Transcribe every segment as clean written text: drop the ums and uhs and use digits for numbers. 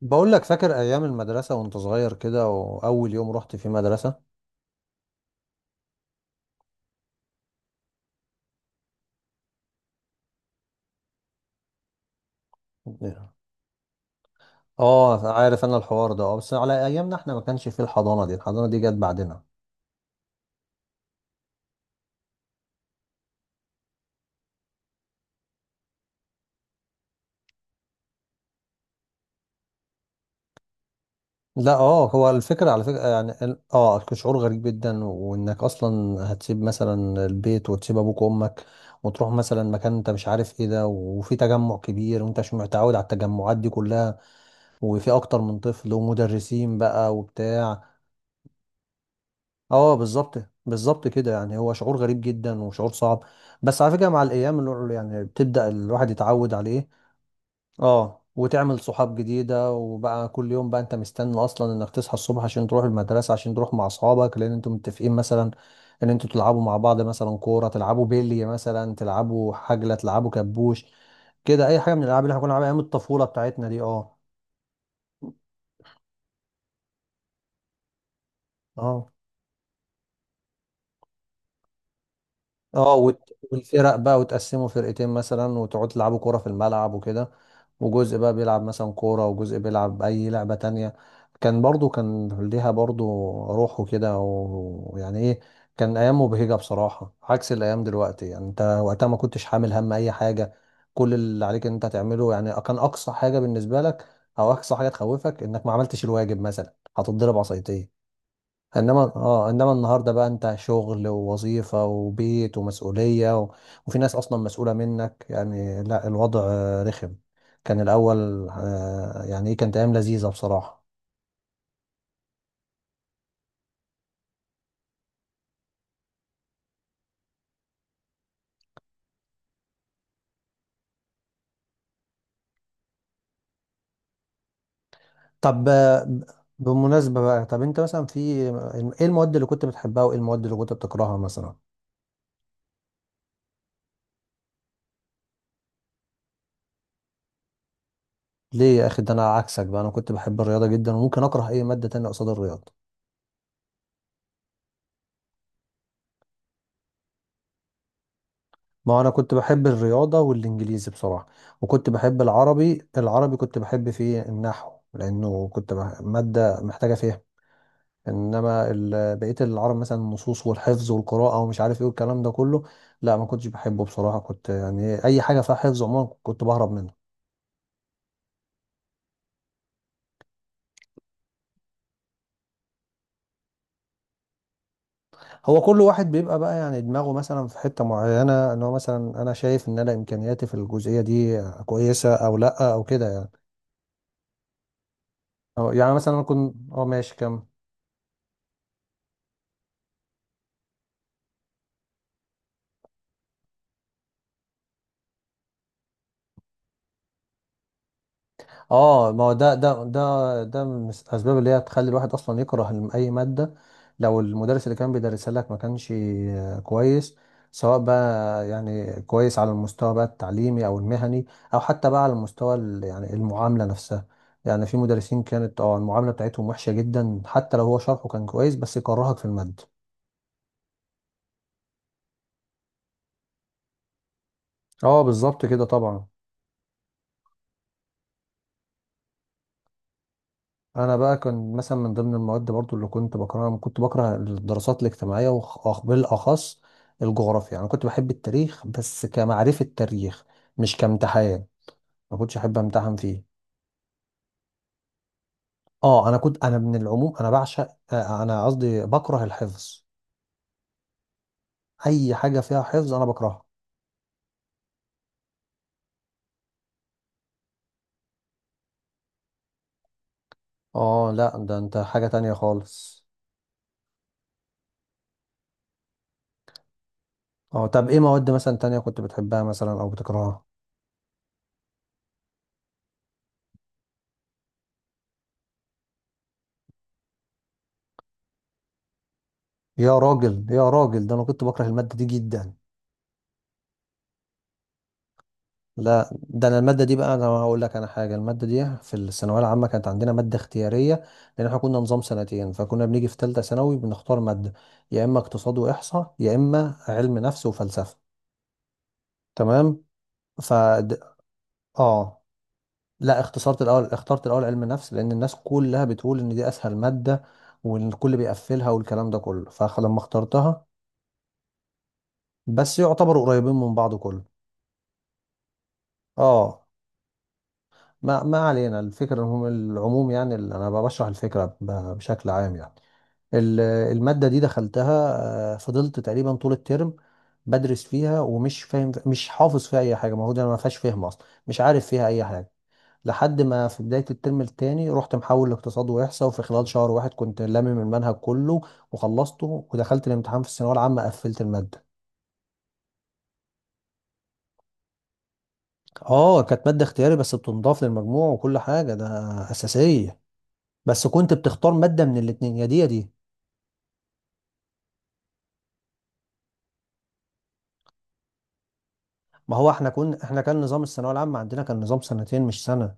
بقول لك، فاكر ايام المدرسه وانت صغير كده، واول يوم رحت في مدرسه؟ اه، عارف انا الحوار ده. اه بس على ايامنا احنا ما كانش في الحضانه دي. الحضانه دي جت بعدنا. لا، هو الفكره، على فكره يعني كان شعور غريب جدا، وانك اصلا هتسيب مثلا البيت وتسيب ابوك وامك، وتروح مثلا مكان انت مش عارف ايه ده، وفي تجمع كبير وانت مش متعود على التجمعات دي كلها، وفي اكتر من طفل ومدرسين بقى وبتاع. اه، بالظبط بالظبط كده، يعني هو شعور غريب جدا وشعور صعب. بس على فكره مع الايام يعني بتبدا الواحد يتعود عليه. اه، وتعمل صحاب جديده، وبقى كل يوم بقى انت مستني اصلا انك تصحى الصبح عشان تروح المدرسه، عشان تروح مع اصحابك، لان انتوا متفقين مثلا ان انتوا تلعبوا مع بعض، مثلا كوره، تلعبوا بيلي مثلا، تلعبوا حجله، تلعبوا كبوش، كده اي حاجه من الالعاب اللي احنا كنا بنلعبها ايام الطفوله بتاعتنا دي. اه. اه، اه والفرق بقى، وتقسموا فرقتين مثلا، وتقعدوا تلعبوا كورة في الملعب وكده. وجزء بقى بيلعب مثلا كورة، وجزء بيلعب أي لعبة تانية. كان برضو، كان ليها برضو روح وكده ويعني ايه، كان أيام مبهجة بصراحة عكس الأيام دلوقتي، يعني انت وقتها ما كنتش حامل هم أي حاجة. كل اللي عليك ان انت تعمله، يعني كان أقصى حاجة بالنسبة لك، أو أقصى حاجة تخوفك، إنك ما عملتش الواجب مثلا هتتضرب عصايتين. انما النهارده بقى انت شغل ووظيفه وبيت ومسؤوليه، و... وفي ناس اصلا مسؤوله منك، يعني لا الوضع رخم. كان الاول يعني ايه، كانت ايام لذيذه بصراحه. طب بالمناسبه بقى، طب انت مثلا في ايه المواد اللي كنت بتحبها، وايه المواد اللي كنت بتكرهها مثلا؟ ليه يا اخي؟ ده انا عكسك بقى، انا كنت بحب الرياضه جدا، وممكن اكره اي ماده تانية قصاد الرياضه. ما انا كنت بحب الرياضه والانجليزي بصراحه. وكنت بحب العربي. العربي كنت بحب فيه النحو، لانه كنت ماده محتاجه فيها. انما بقيه العرب مثلا، النصوص والحفظ والقراءه ومش عارف ايه والكلام ده كله، لا ما كنتش بحبه بصراحه. كنت يعني اي حاجه فيها حفظ عموما كنت بهرب منه. هو كل واحد بيبقى بقى يعني دماغه مثلا في حته معينه، ان هو مثلا انا شايف ان انا امكانياتي في الجزئيه دي كويسه او لا، او كده يعني. أو يعني مثلا انا كنت ماشي كمل. اه، ما هو ده من الاسباب اللي هي تخلي الواحد اصلا يكره اي ماده. لو المدرس اللي كان بيدرسها لك ما كانش كويس، سواء بقى يعني كويس على المستوى بقى التعليمي او المهني، او حتى بقى على المستوى يعني المعامله نفسها. يعني في مدرسين كانت المعامله بتاعتهم وحشه جدا، حتى لو هو شرحه كان كويس، بس يكرهك في الماده. اه، بالظبط كده طبعا. انا بقى كان مثلا من ضمن المواد برضو اللي كنت بكرهها، كنت بكره الدراسات الاجتماعيه، بالاخص الجغرافيا. انا كنت بحب التاريخ بس كمعرفه تاريخ، مش كامتحان. ما كنتش احب امتحن فيه. اه، انا كنت، انا من العموم انا بعشق، انا قصدي بكره الحفظ. اي حاجه فيها حفظ انا بكرهها. اه، لا ده انت حاجه تانية خالص. اه، طب ايه مواد مثلا تانية كنت بتحبها مثلا او بتكرهها؟ يا راجل يا راجل، ده انا كنت بكره الماده دي جدا. لا ده انا الماده دي بقى، انا هقول لك انا حاجه، الماده دي في الثانويه العامه كانت عندنا ماده اختياريه، لان احنا كنا نظام سنتين، فكنا بنيجي في ثالثه ثانوي بنختار ماده، يا اما اقتصاد واحصاء، يا اما علم نفس وفلسفه. تمام. ف، اه لا اختصرت الاول، اخترت الاول علم نفس، لان الناس كلها بتقول ان دي اسهل ماده، والكل بيقفلها والكلام ده كله، فلما اخترتها، بس يعتبروا قريبين من بعض كله. اه، ما علينا، الفكرة هم العموم، يعني اللي أنا بشرح الفكرة بشكل عام يعني. ال- المادة دي دخلتها، فضلت تقريبا طول الترم بدرس فيها ومش فاهم، مش حافظ فيها أي حاجة، المفروض أنا ما فيهاش فهم أصلا، مش عارف فيها أي حاجة، لحد ما في بداية الترم التاني رحت محول لاقتصاد وإحصاء، وفي خلال شهر واحد كنت لامم المنهج كله وخلصته، ودخلت الامتحان في الثانوية العامة قفلت المادة. اه، كانت مادة اختياري بس بتنضاف للمجموع وكل حاجة، ده أساسية، بس كنت بتختار مادة من الاتنين، يا دي يا دي. ما هو احنا كنا، احنا كان نظام الثانوية العامة عندنا كان نظام سنتين مش سنة،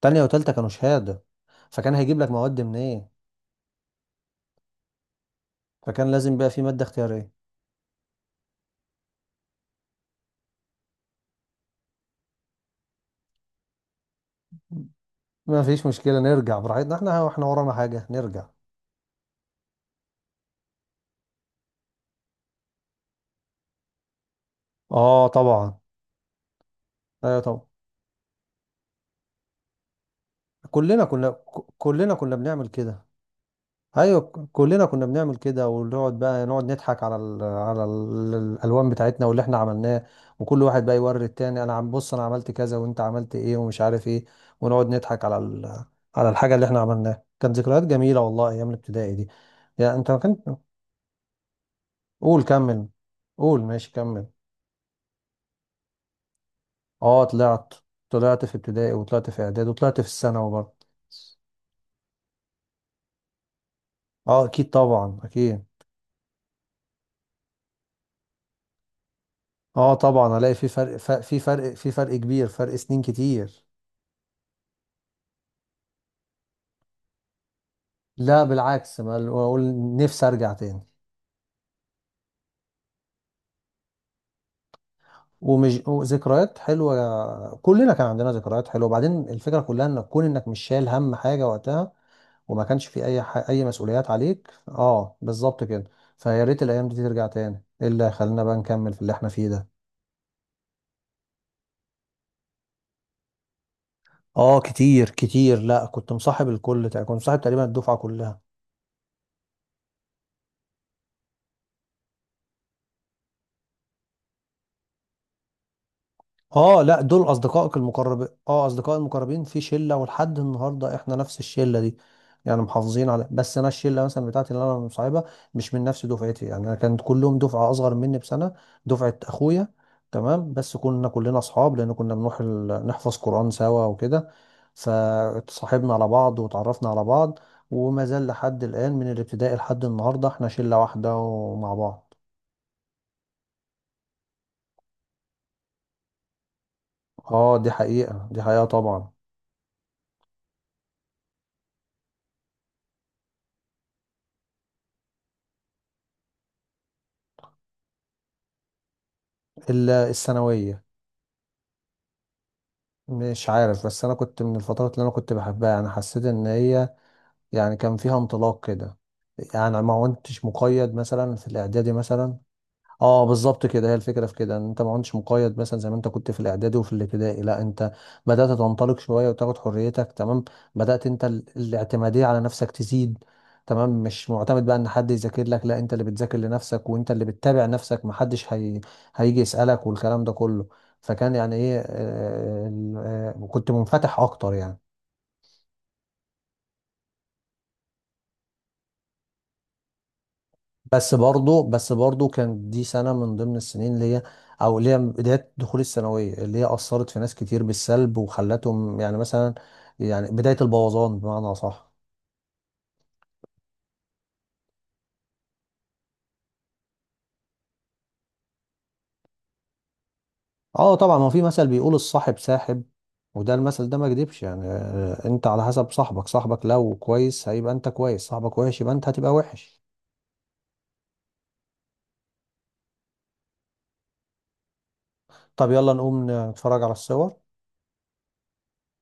تانية وتالتة كانوا شهادة، فكان هيجيب لك مواد منين ايه، فكان لازم بقى في مادة اختيارية. ما فيش مشكلة نرجع براحتنا، احنا احنا ورانا حاجة نرجع. اه طبعا. ايوه طبعا، كلنا كنا بنعمل كده. ايوه، كلنا كنا بنعمل كده، ونقعد بقى نقعد نضحك على ال على ال الالوان بتاعتنا واللي احنا عملناه. وكل واحد بقى يوري التاني، انا عم بص انا عملت كذا، وانت عملت ايه ومش عارف ايه، ونقعد نضحك على ال، على الحاجه اللي احنا عملناها. كانت ذكريات جميله والله ايام الابتدائي دي. يعني انت ما كنت، قول كمل. قول ماشي كمل. اه طلعت. طلعت في ابتدائي وطلعت في اعدادي وطلعت في الثانوي برضه. اه اكيد طبعا، اكيد. اه طبعا، الاقي في فرق كبير، فرق سنين كتير. لا بالعكس، ما اقول، نفسي ارجع تاني. ومش ذكريات حلوه، كلنا كان عندنا ذكريات حلوه، وبعدين الفكره كلها ان تكون انك مش شايل هم حاجه وقتها، وما كانش في اي اي مسؤوليات عليك، اه بالظبط كده. فيا ريت الايام دي ترجع تاني، ايه اللي خلينا بقى نكمل في اللي احنا فيه ده. اه كتير كتير، لا كنت مصاحب الكل، كنت مصاحب تقريبا الدفعه كلها. اه لا، دول اصدقائك المقربين. اه، اصدقائي المقربين في شله، ولحد النهارده احنا نفس الشله دي، يعني محافظين على، بس انا الشله مثلا بتاعتي اللي انا مصاحبها مش من نفس دفعتي، يعني انا كانت كلهم دفعه اصغر مني بسنه، دفعه اخويا. تمام. بس كنا كلنا اصحاب، لان كنا بنروح نحفظ قران سوا وكده، فاتصاحبنا على بعض وتعرفنا على بعض، وما زال لحد الان من الابتدائي لحد النهارده احنا شله واحده ومع بعض. اه، دي حقيقه، دي حقيقه طبعا. الا الثانويه. مش عارف، بس انا كنت من الفترات اللي انا كنت بحبها، انا حسيت ان هي يعني كان فيها انطلاق كده، يعني ما كنتش مقيد مثلا في الاعدادي مثلا. اه بالظبط كده، هي الفكره في كده، ان انت ما كنتش مقيد مثلا زي ما انت كنت في الاعدادي وفي الابتدائي، لا انت بدات تنطلق شويه وتاخد حريتك. تمام. بدات انت الاعتماديه على نفسك تزيد. تمام. مش معتمد بقى ان حد يذاكر لك، لا انت اللي بتذاكر لنفسك، وانت اللي بتتابع نفسك، محدش هيجي يسالك والكلام ده كله. فكان يعني ايه، كنت منفتح اكتر يعني. بس برضو كان دي سنة من ضمن السنين اللي هي، أو اللي هي بداية دخول الثانوية، اللي هي أثرت في ناس كتير بالسلب وخلتهم يعني مثلا، يعني بداية البوظان بمعنى صح. اه طبعا، ما هو في مثل بيقول الصاحب ساحب، وده المثل ده ما كدبش، يعني انت على حسب صاحبك. صاحبك لو كويس هيبقى انت كويس، صاحبك وحش يبقى انت هتبقى وحش. طب يلا نقوم نتفرج على الصور.